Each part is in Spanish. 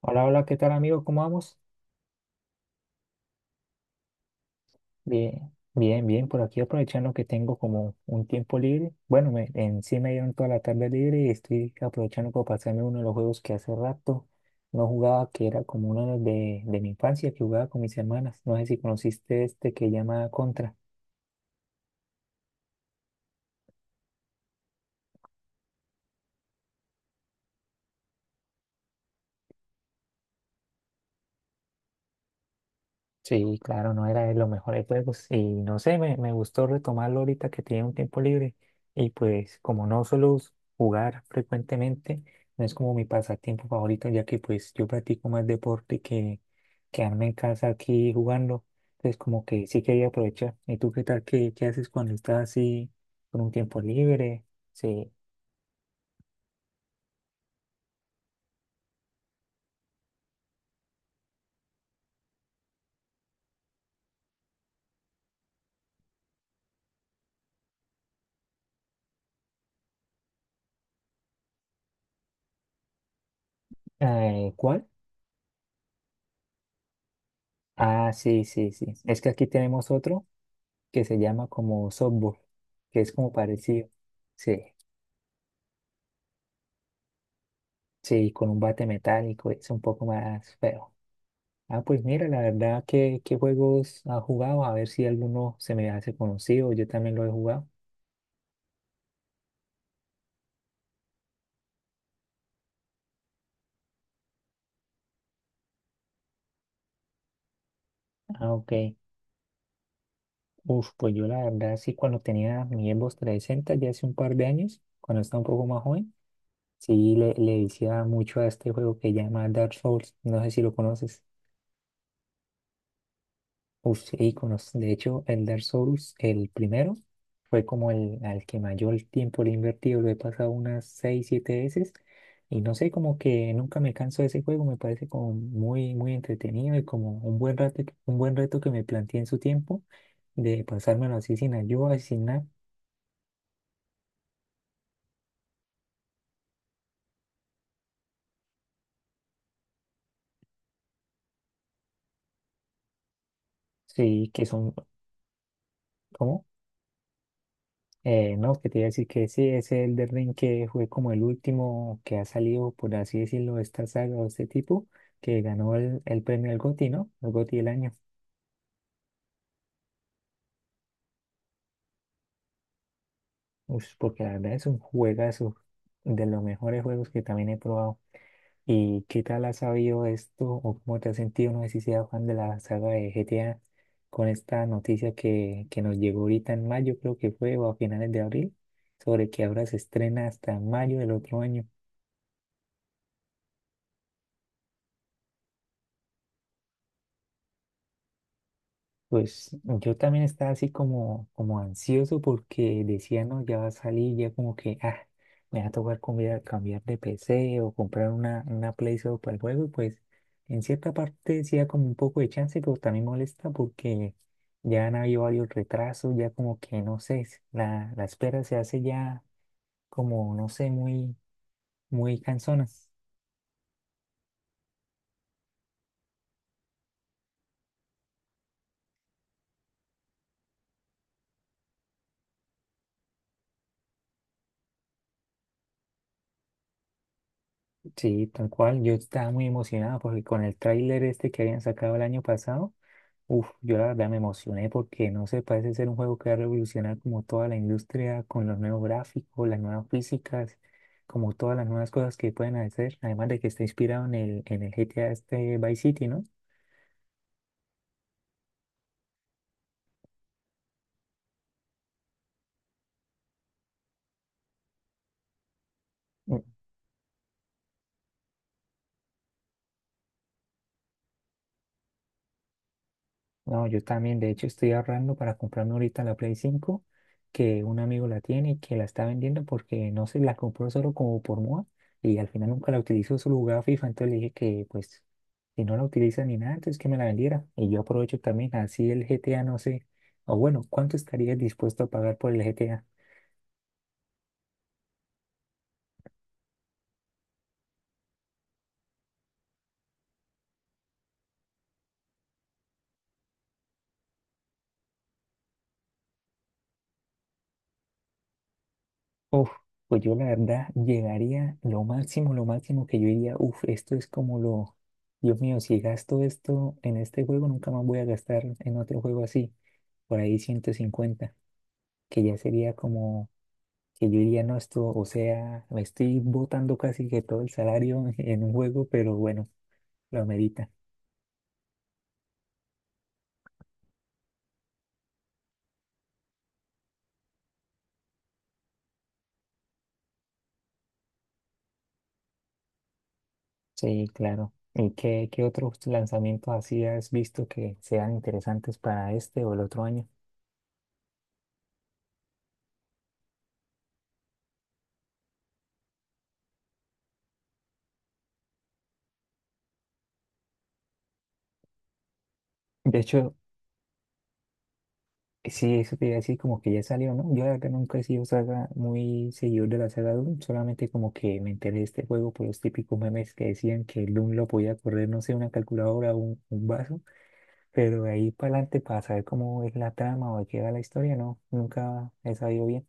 Hola, hola, ¿qué tal amigo? ¿Cómo vamos? Bien, bien, bien, por aquí aprovechando que tengo como un tiempo libre. Bueno, en sí me dieron toda la tarde libre y estoy aprovechando para pasarme uno de los juegos que hace rato no jugaba, que era como uno de mi infancia, que jugaba con mis hermanas. No sé si conociste este que llama Contra. Sí, claro, no era de los mejores juegos y no sé, me gustó retomarlo ahorita que tiene un tiempo libre y pues como no suelo jugar frecuentemente, no es como mi pasatiempo favorito ya que pues yo practico más deporte que quedarme en casa aquí jugando, entonces como que sí quería aprovechar. ¿Y tú qué tal? ¿Qué haces cuando estás así con un tiempo libre? Sí, ¿cuál? Ah, sí, sí, sí. Es que aquí tenemos otro que se llama como softball, que es como parecido. Sí. Sí, con un bate metálico es un poco más feo. Ah, pues mira, la verdad, ¿qué juegos has jugado? A ver si alguno se me hace conocido, yo también lo he jugado. Ah, ok. Uf, pues yo la verdad sí, cuando tenía mi Xbox 360 ya hace un par de años, cuando estaba un poco más joven, sí le decía mucho a este juego que llama Dark Souls, no sé si lo conoces. Uy, sí, iconos. De hecho, el Dark Souls, el primero, fue como el al que mayor tiempo le he invertido. Lo he pasado unas 6 7 veces. Y no sé, como que nunca me canso de ese juego. Me parece como muy, muy entretenido y como un buen rato, un buen reto que me planteé en su tiempo de pasármelo así sin ayuda, sin nada. Sí, que son, ¿cómo? No, que te iba a decir que sí, ese Elden Ring que fue como el último que ha salido, por así decirlo, de esta saga o este tipo, que ganó el premio al GOTY, ¿no? El GOTY del año. Ush, porque la verdad es un juegazo, de los mejores juegos que también he probado. ¿Y qué tal has sabido esto o cómo te has sentido? No sé si seas fan de la saga de GTA con esta noticia que nos llegó ahorita en mayo, creo que fue, o a finales de abril, sobre que ahora se estrena hasta mayo del otro año. Pues yo también estaba así como ansioso porque decía, no, ya va a salir, ya como que, ah, me va a tocar cambiar de PC o comprar una Play solo para el juego. Y pues en cierta parte sí da como un poco de chance, pero también molesta porque ya han habido varios retrasos, ya como que, no sé, la espera se hace ya como, no sé, muy, muy cansona. Sí, tal cual, yo estaba muy emocionado porque con el tráiler este que habían sacado el año pasado. Uf, yo la verdad me emocioné porque no sé, parece ser un juego que va a revolucionar como toda la industria con los nuevos gráficos, las nuevas físicas, como todas las nuevas cosas que pueden hacer, además de que está inspirado en el GTA este Vice City, ¿no? No, yo también, de hecho, estoy ahorrando para comprarme ahorita la Play 5 que un amigo la tiene y que la está vendiendo porque no se la compró solo como por moda y al final nunca la utilizó, solo jugaba FIFA, entonces le dije que pues si no la utiliza ni nada, entonces que me la vendiera. Y yo aprovecho también, así el GTA no sé, o bueno, ¿cuánto estarías dispuesto a pagar por el GTA? Uf, pues yo la verdad llegaría lo máximo que yo diría, uf, esto es como lo, Dios mío, si gasto esto en este juego, nunca más voy a gastar en otro juego así. Por ahí 150 que ya sería como que yo diría, no, esto, o sea, me estoy botando casi que todo el salario en un juego, pero bueno, lo medita. Sí, claro. ¿Y qué otros lanzamientos así has visto que sean interesantes para este o el otro año? De hecho, sí, eso te iba a decir como que ya salió, ¿no? Yo la verdad nunca he sido saga muy seguidor de la saga Doom, solamente como que me enteré de este juego por los típicos memes que decían que el Doom lo podía correr, no sé, una calculadora o vaso. Pero de ahí para adelante, para saber cómo es la trama o de qué va la historia, no, nunca he sabido bien.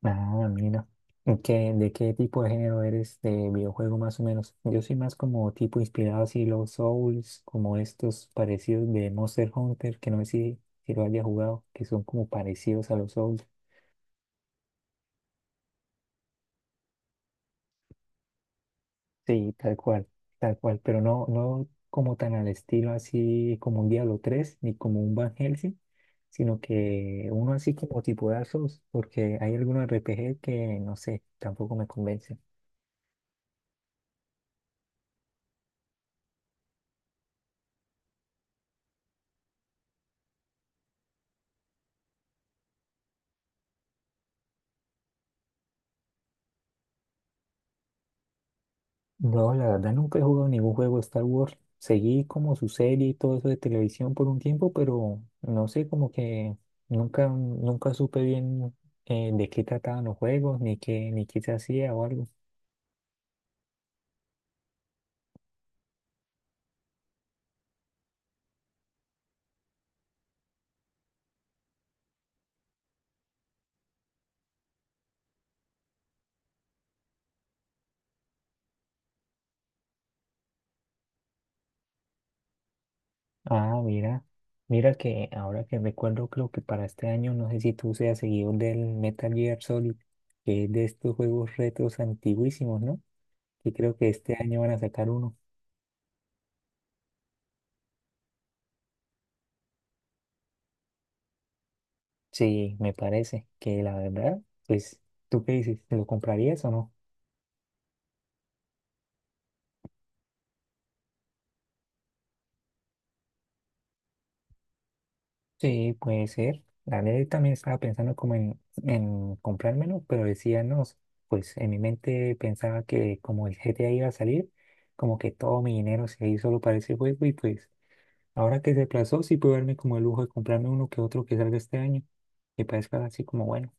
No, mira. ¿Y de qué tipo de género eres de videojuego más o menos? Yo soy más como tipo inspirado así los Souls, como estos parecidos de Monster Hunter, que no sé si lo haya jugado, que son como parecidos a los Souls. Sí, tal cual, pero no, no como tan al estilo así como un Diablo 3, ni como un Van Helsing, sino que uno así como tipo Dark Souls, porque hay algunos RPG que no sé, tampoco me convencen. No, la verdad nunca he jugado ningún juego de Star Wars. Seguí como su serie y todo eso de televisión por un tiempo, pero no sé, como que nunca supe bien de qué trataban los juegos, ni qué se hacía o algo. Ah, mira, mira que ahora que recuerdo, creo que para este año, no sé si tú seas seguidor del Metal Gear Solid, que es de estos juegos retros antiguísimos, ¿no? Que creo que este año van a sacar uno. Sí, me parece que la verdad, pues, ¿tú qué dices? ¿Lo comprarías o no? Sí, puede ser. La verdad, yo también estaba pensando como en comprármelo, pero decía, no, pues en mi mente pensaba que como el GTA iba a salir, como que todo mi dinero se iba a ir solo para ese juego y pues ahora que se aplazó, sí puedo darme como el lujo de comprarme uno que otro que salga este año, que parezca así como bueno.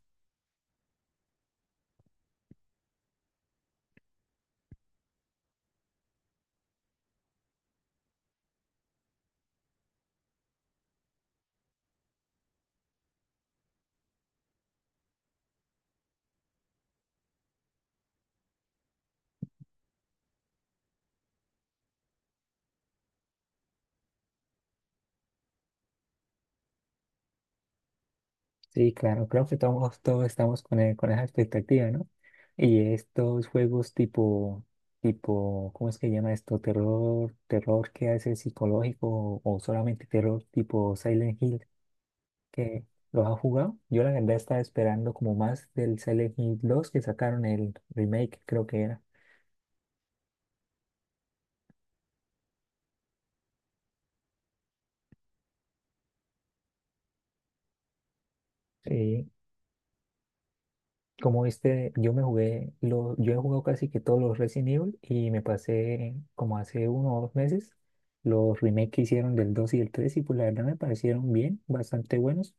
Sí, claro, creo que todos, todos estamos con esa expectativa, ¿no? Y estos juegos tipo, ¿cómo es que llama esto? Terror, terror que hace psicológico o, solamente terror tipo Silent Hill, que los ha jugado. Yo la verdad estaba esperando como más del Silent Hill 2 que sacaron el remake, creo que era. Sí. Como viste, yo me jugué, lo, yo he jugado casi que todos los Resident Evil y me pasé como hace 1 o 2 meses los remakes que hicieron del 2 y del 3 y pues la verdad me parecieron bien, bastante buenos.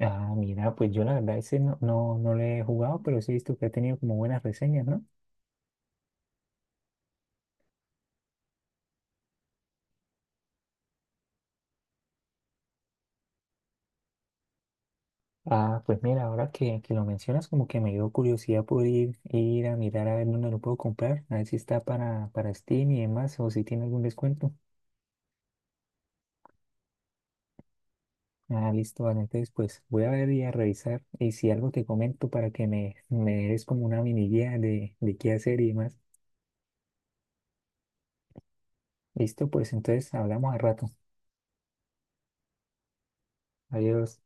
Ah, mira, pues yo la verdad ese no, no, no le he jugado, pero sí he visto que ha tenido como buenas reseñas, ¿no? Ah, pues mira, ahora que lo mencionas como que me dio curiosidad por ir a mirar a ver dónde lo puedo comprar, a ver si está para Steam y demás o si tiene algún descuento. Ah, listo, vale. Entonces, pues voy a ver y a revisar. Y si algo te comento para que me des como una mini guía de qué hacer y demás. Listo, pues entonces hablamos al rato. Adiós.